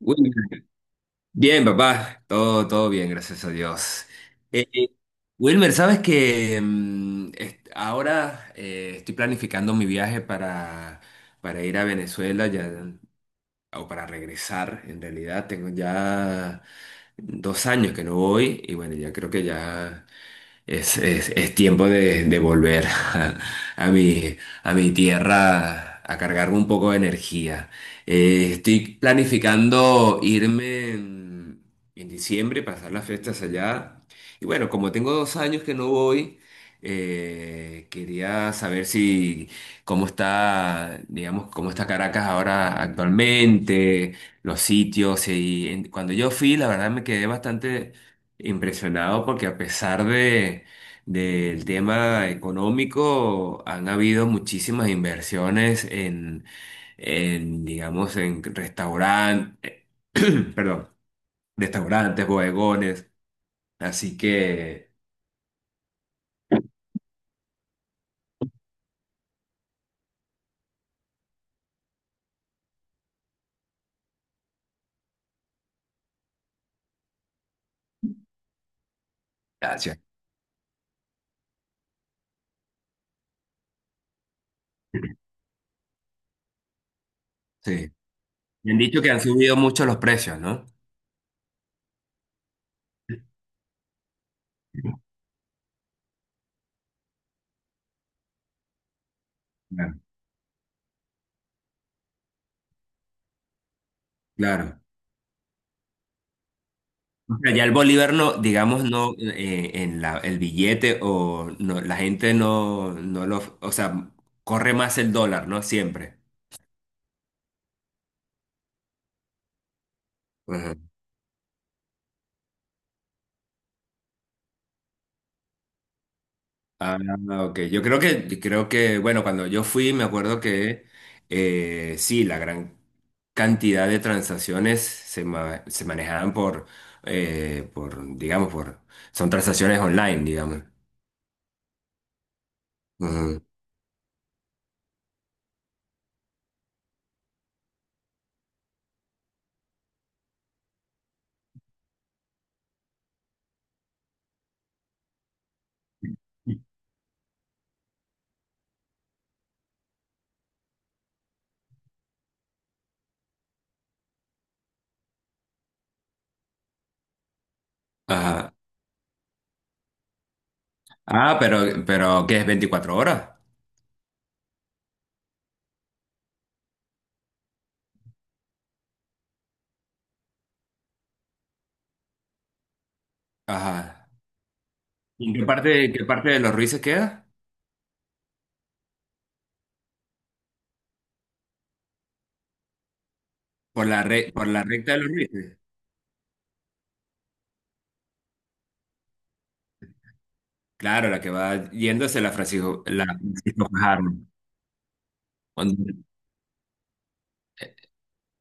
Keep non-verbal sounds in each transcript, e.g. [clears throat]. Wilmer, bien, papá, todo, todo bien, gracias a Dios. Eh, eh, Wilmer, sabes que ahora estoy planificando mi viaje para ir a Venezuela ya, o para regresar. En realidad, tengo ya 2 años que no voy y bueno, ya creo que ya. Es tiempo de volver [laughs] a mi, a mi tierra a cargarme un poco de energía. Estoy planificando irme en diciembre, pasar las fiestas allá. Y bueno, como tengo 2 años que no voy, quería saber si cómo está, digamos, cómo está Caracas ahora actualmente, los sitios. Cuando yo fui, la verdad me quedé bastante impresionado porque a pesar de, del tema económico, han habido muchísimas inversiones en, digamos, en restaurantes, [clears throat] perdón, restaurantes, bodegones. Así que, gracias. Sí. Me han dicho que han subido mucho los precios, ¿no? [clears throat] Claro. Claro. O sea, ya el bolívar no, digamos, no, en la, el billete o no, la gente no, no lo, o sea, corre más el dólar, ¿no? Siempre. Ajá. Ah, ok. Yo creo que, bueno, cuando yo fui, me acuerdo que sí, la gran cantidad de transacciones se, se manejaban por, digamos, por, son transacciones online, digamos. Ujú. Ajá. Ah, pero, ¿qué es 24 horas? Ajá. ¿Y en qué parte de los Ruices queda? Por la, por la recta de los Ruices. Claro, la que va yéndose la Francisco Fajardo. Cuando,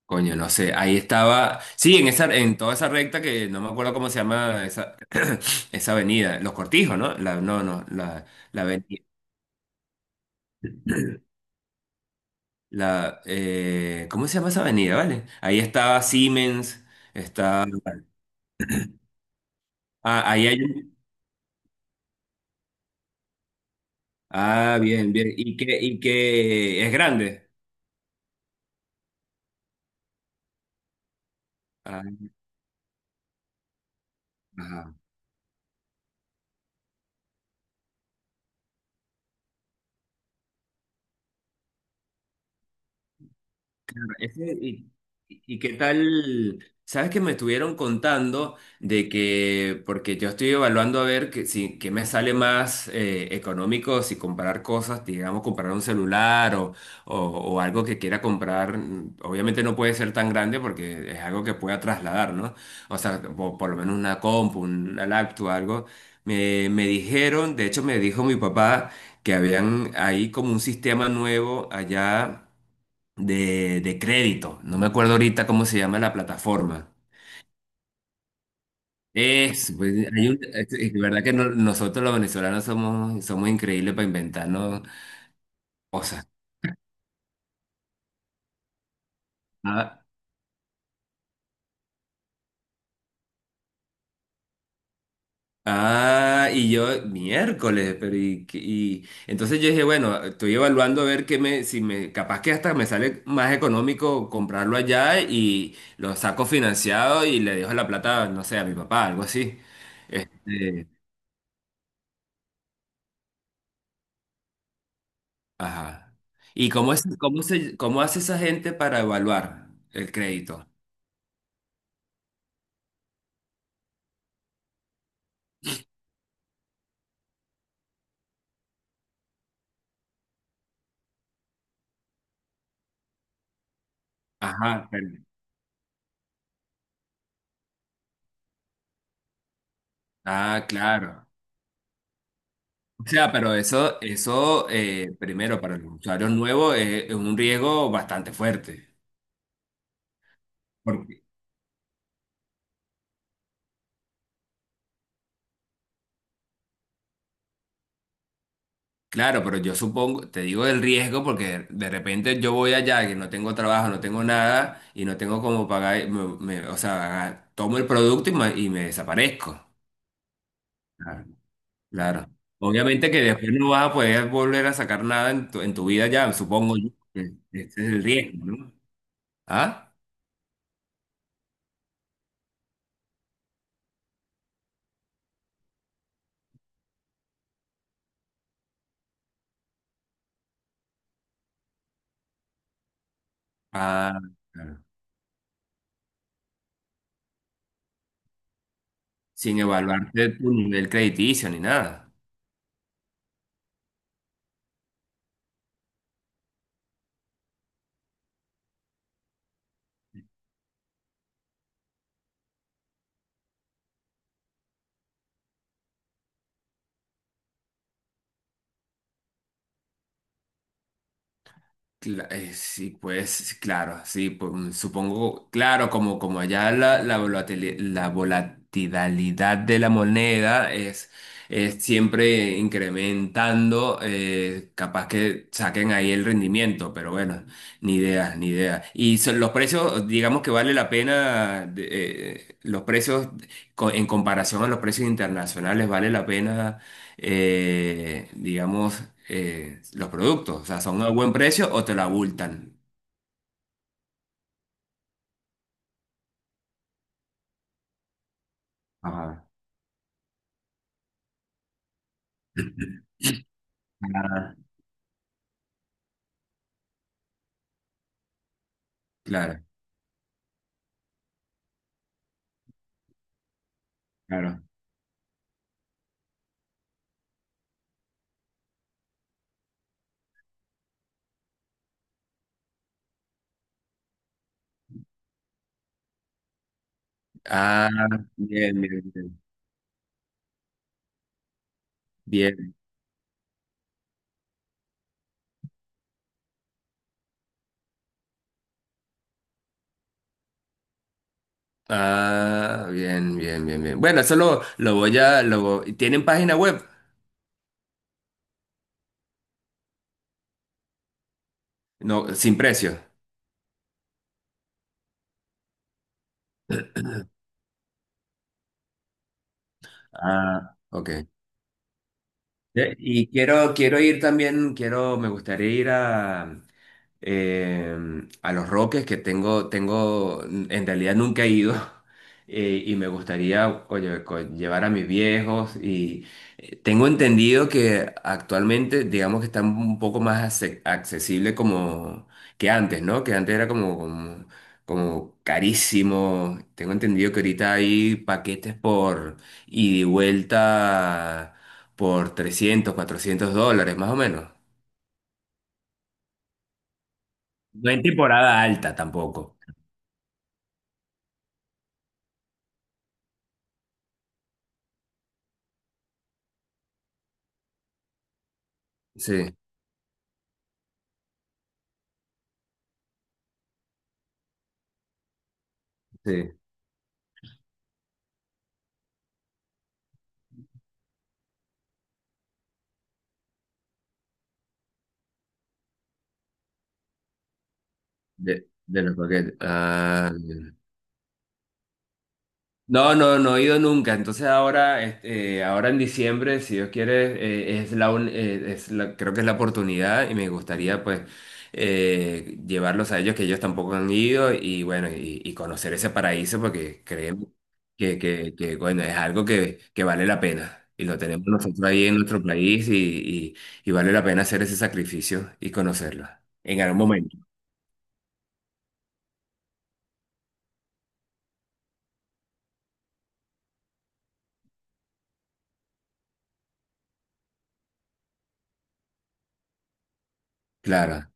coño, no sé. Ahí estaba. Sí, en esa, en toda esa recta que no me acuerdo cómo se llama esa, [clears throat] esa avenida. Los Cortijos, ¿no? La, no, no, la avenida. [clears throat] La, ¿cómo se llama esa avenida, vale? Ahí estaba Siemens, está. [clears throat] Ah, ahí hay un. Ah, bien, bien. Y que es grande. Ah, ajá. Ese- y, y qué tal? ¿Sabes que me estuvieron contando de que, porque yo estoy evaluando a ver que, si, que me sale más económico si comprar cosas, digamos, comprar un celular o algo que quiera comprar? Obviamente no puede ser tan grande porque es algo que pueda trasladar, ¿no? O sea, por, lo menos una compu, una laptop, algo. Me dijeron, de hecho me dijo mi papá que habían ahí como un sistema nuevo allá de crédito. No me acuerdo ahorita cómo se llama la plataforma. Es, pues, es de verdad que nosotros los venezolanos somos, somos increíbles para inventarnos cosas. Ah, ah, y yo, miércoles, pero y, y entonces yo dije, bueno, estoy evaluando a ver qué me, si me, capaz que hasta me sale más económico comprarlo allá y lo saco financiado y le dejo la plata, no sé, a mi papá, algo así. Este, ajá. ¿Y cómo es, cómo se, cómo hace esa gente para evaluar el crédito? Ajá, pero, ah, claro. O sea, pero eso primero para los usuarios nuevos es un riesgo bastante fuerte. Porque, claro, pero yo supongo, te digo el riesgo porque de repente yo voy allá que no tengo trabajo, no tengo nada y no tengo cómo pagar, o sea, tomo el producto y me desaparezco. Ah, claro. Obviamente que después no vas a poder volver a sacar nada en tu, en tu vida ya, supongo yo, que este es el riesgo, ¿no? ¿Ah? Ah, claro. Sin evaluarte tu nivel crediticio ni nada. Sí, pues sí, claro, sí, pues, supongo, claro, como, como allá la, la volatilidad de la moneda es siempre incrementando, capaz que saquen ahí el rendimiento, pero bueno, ni idea, ni idea. Y son los precios, digamos que vale la pena, de, los precios en comparación a los precios internacionales, vale la pena digamos, los productos. O sea, son a buen precio o te lo abultan. Ajá. Ah, claro, claro. Ah, bien, bien, bien. Bien. Ah, bien, bien, bien, bien. Bueno, eso lo voy a... lo, ¿tienen página web? No, sin precio. Ah, ok. Ya, y quiero, quiero ir también, quiero, me gustaría ir eh, a Los Roques, que tengo, tengo, en realidad nunca he ido, [laughs] y me gustaría, oye, llevar a mis viejos, y tengo entendido que actualmente, digamos que están un poco más accesible como que antes, ¿no? Que antes era como, como, como carísimo, tengo entendido que ahorita hay paquetes por ida y vuelta por $300 $400, más o menos. No en temporada alta tampoco. Sí, sí, de los paquetes. Ah, no, no, no he ido nunca. Entonces ahora, este, ahora en diciembre, si Dios quiere, es la, un- es la- creo que es la oportunidad y me gustaría pues llevarlos a ellos que ellos tampoco han ido y bueno, y conocer ese paraíso porque creemos que, bueno, es algo que vale la pena. Y lo tenemos nosotros ahí en nuestro país y vale la pena hacer ese sacrificio y conocerlo en algún momento. Claro.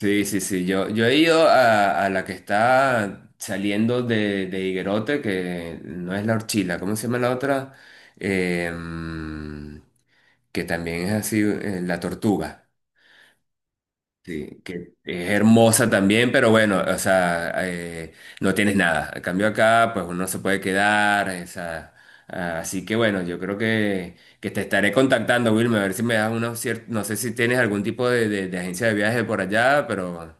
Sí, sí, sí. Yo he ido a la que está saliendo de Higuerote, que no es la Orchila, ¿cómo se llama la otra? Em, que también es así, la Tortuga. Sí, que es hermosa también, pero bueno, o sea, no tienes nada. En cambio acá, pues uno se puede quedar, o sea, ah, así que bueno, yo creo que te estaré contactando, Wilmer, a ver si me das unos ciertos, no sé si tienes algún tipo de agencia de viaje por allá, pero...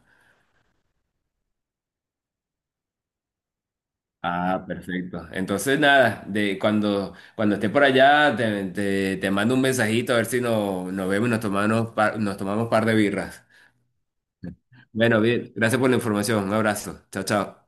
Ah, perfecto. Entonces, nada, de cuando, cuando esté por allá, te mando un mensajito a ver si nos vemos y nos tomamos, nos tomamos un par de birras. Bueno, bien, gracias por la información. Un abrazo. Chao, chao.